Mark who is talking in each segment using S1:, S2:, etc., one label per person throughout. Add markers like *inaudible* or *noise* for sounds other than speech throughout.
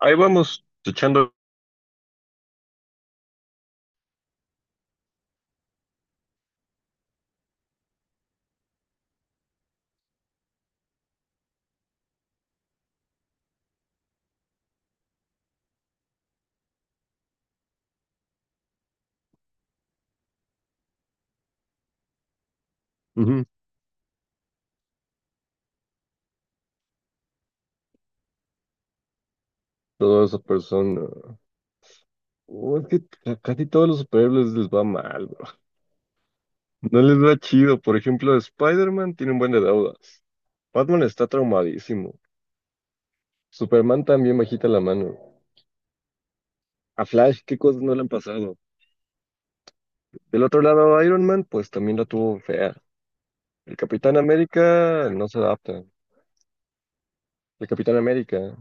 S1: Ahí vamos echando. Ujú. Toda esa persona. Oh, es que a casi todos los superhéroes les va mal, bro. No les va chido. Por ejemplo, Spider-Man tiene un buen de deudas. Batman está traumadísimo. Superman también bajita la mano. A Flash, ¿qué cosas no le han pasado? Del otro lado, Iron Man, pues también la tuvo fea. El Capitán América no se adapta. El Capitán América.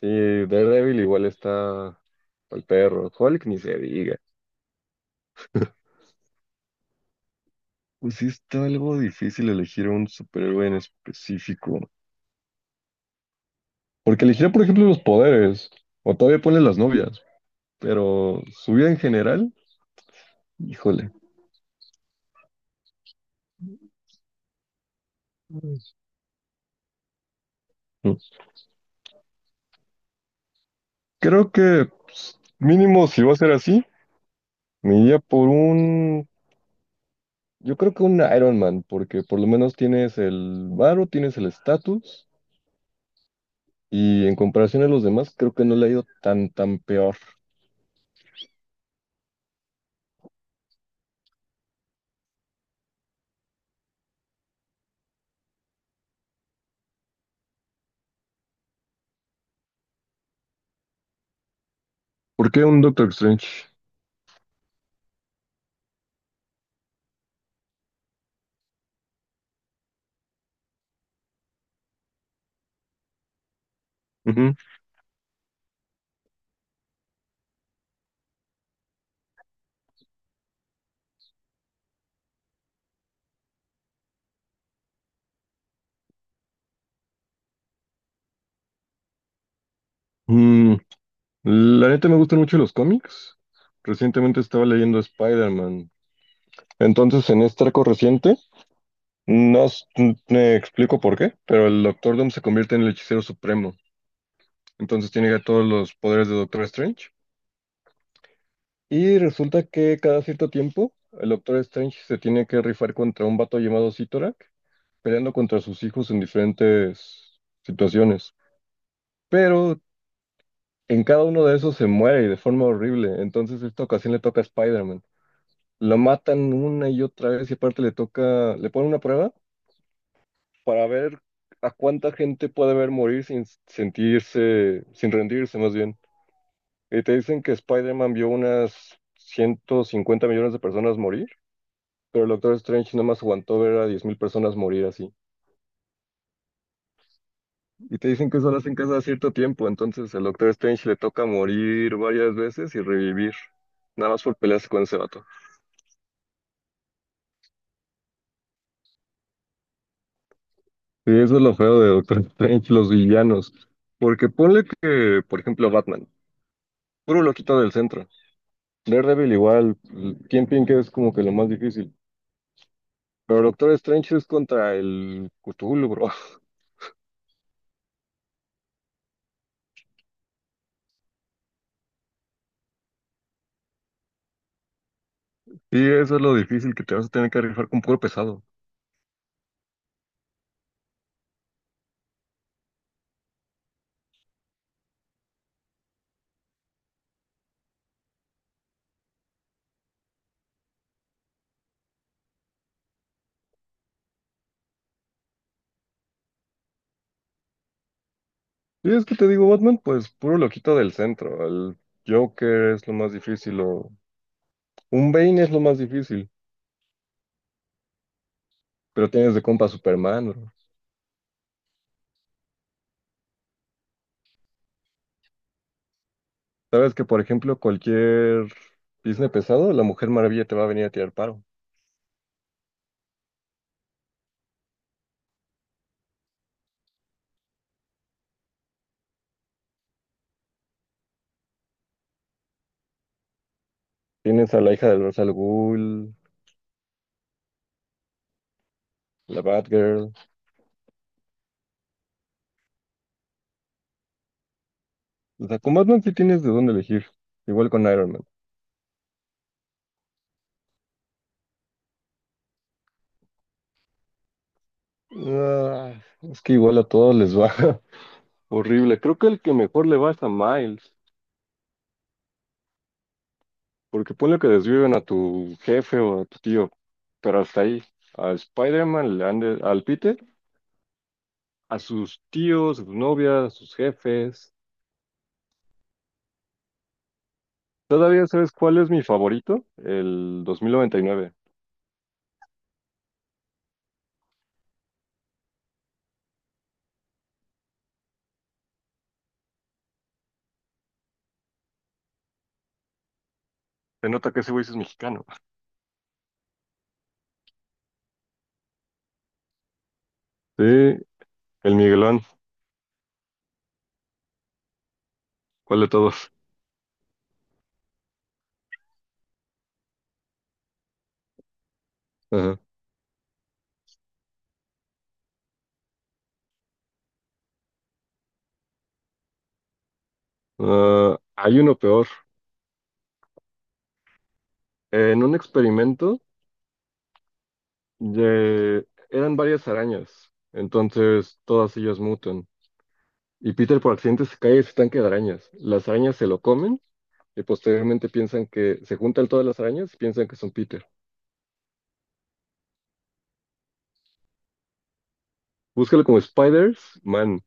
S1: Sí, Daredevil igual está al perro. Hulk ni se diga. Pues sí está algo difícil elegir un superhéroe en específico. Porque elegir, por ejemplo, los poderes, o todavía pones las novias, pero su vida en general, híjole. Mm. Creo que pues, mínimo si va a ser así, me iría por un, yo creo que un Iron Man, porque por lo menos tienes el varo, tienes el estatus, y en comparación a los demás, creo que no le ha ido tan peor. ¿Por qué un Doctor Strange? Ujú. Mm, la neta me gustan mucho los cómics. Recientemente estaba leyendo Spider-Man. Entonces, en este arco reciente, no s- me explico por qué, pero el Doctor Doom se convierte en el hechicero supremo. Entonces tiene ya todos los poderes de Doctor Strange. Y resulta que cada cierto tiempo, el Doctor Strange se tiene que rifar contra un vato llamado Sitorak, peleando contra sus hijos en diferentes situaciones. Pero en cada uno de esos se muere y de forma horrible. Entonces, esta ocasión le toca a Spider-Man. Lo matan una y otra vez y aparte le toca, le ponen una prueba para ver a cuánta gente puede ver morir sin sentirse, sin rendirse más bien. Y te dicen que Spider-Man vio unas 150 millones de personas morir, pero el Doctor Strange nomás aguantó ver a 10,000 personas morir así. Y te dicen que solo hacen caso a cierto tiempo, entonces al Doctor Strange le toca morir varias veces y revivir, nada más por pelearse con ese vato. Sí, eso es lo feo de Doctor *laughs* Strange, los villanos. Porque ponle que, por ejemplo, Batman, puro loquito del centro. Daredevil igual, Kingpin que es como que lo más difícil. Pero Doctor Strange es contra el Cthulhu, bro. *laughs* Sí, eso es lo difícil, que te vas a tener que rifar con puro pesado. Y es que te digo, Batman, pues puro loquito del centro. El Joker es lo más difícil, o un Bane es lo más difícil. Pero tienes de compa a Superman, bro. Sabes que, por ejemplo, cualquier Disney pesado, la Mujer Maravilla te va a venir a tirar paro. Tienes a la hija del Ra's al Ghul, la Batgirl. O sea, con Batman sí tienes de dónde elegir. Igual con Iron Man. Ah, es que igual a todos les va *laughs* horrible. Creo que el que mejor le va es a Miles. Porque ponle que desviven a tu jefe o a tu tío. Pero hasta ahí. A Spider-Man, al Peter, a sus tíos, sus novias, sus jefes. ¿Todavía sabes cuál es mi favorito? El 2099. Se nota que ese güey sí es mexicano. Sí, el Miguelón. ¿Cuál de todos? Ajá. Ah, hay uno peor. En un experimento eran varias arañas, entonces todas ellas mutan. Y Peter por accidente se cae de su tanque de arañas. Las arañas se lo comen y posteriormente piensan, que se juntan todas las arañas y piensan que son Peter. Búscalo como Spiders-Man.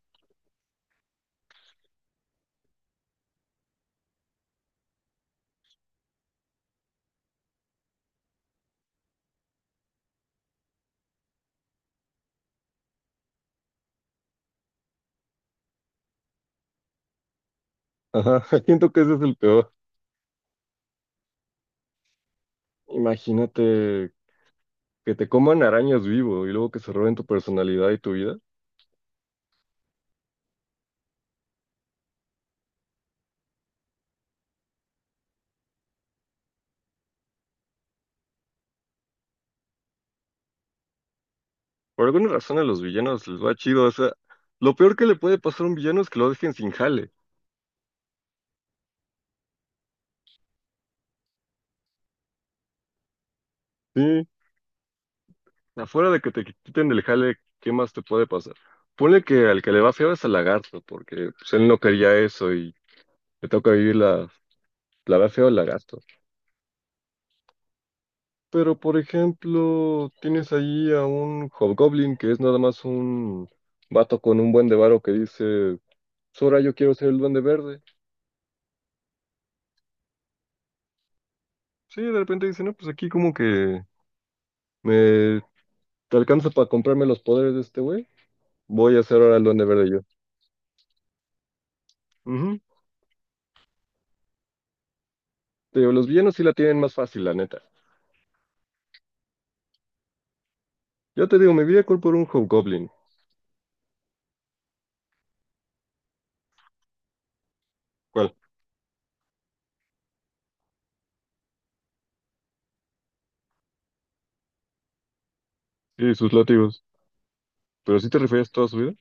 S1: Ajá, *laughs* siento que ese es el peor. Imagínate que te coman arañas vivo y luego que se roben tu personalidad y tu vida. Por alguna razón a los villanos les va chido, o sea, lo peor que le puede pasar a un villano es que lo dejen sin jale. Sí. Afuera de que te quiten del jale, ¿qué más te puede pasar? Ponle que al que le va feo es al lagarto, porque pues, él no quería eso y le toca vivir la va feo al lagarto. Pero, por ejemplo, tienes ahí a un hobgoblin que es nada más un vato con un buen de varo que dice, Sora, yo quiero ser el duende verde. Sí, de repente dice, no, pues aquí como que me... ¿Te alcanza para comprarme los poderes de este güey? Voy a hacer ahora el Duende Verde yo. Ujú. Te digo, los villanos sí la tienen más fácil, la neta. Yo te digo, me vi a por un Hobgoblin. ¿Cuál? Sí, sus látigos. ¿Pero sí te rifarías toda su vida?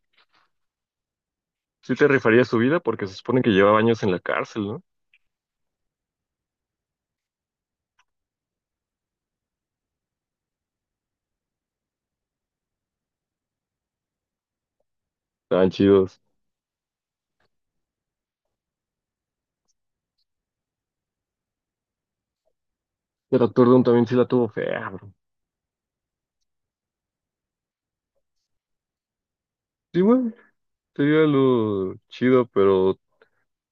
S1: Sí te rifarías su vida, porque se supone que llevaba años en la cárcel, ¿no? Estaban chidos. El actor Doom también sí la tuvo fea, bro. Sí, güey. Sería lo chido, pero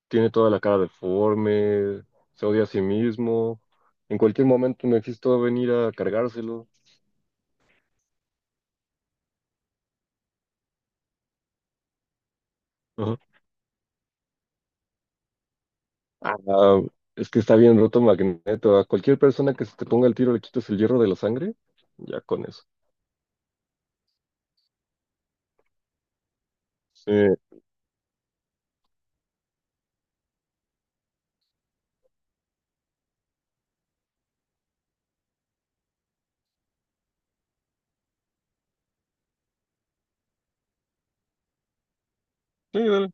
S1: tiene toda la cara deforme, se odia a sí mismo. En cualquier momento me va a venir a cargárselo. Ajá. Ah, ah, es que está bien roto Magneto. A cualquier persona que se te ponga el tiro le quitas el hierro de la sangre. Ya con eso. Sí, sí, dale.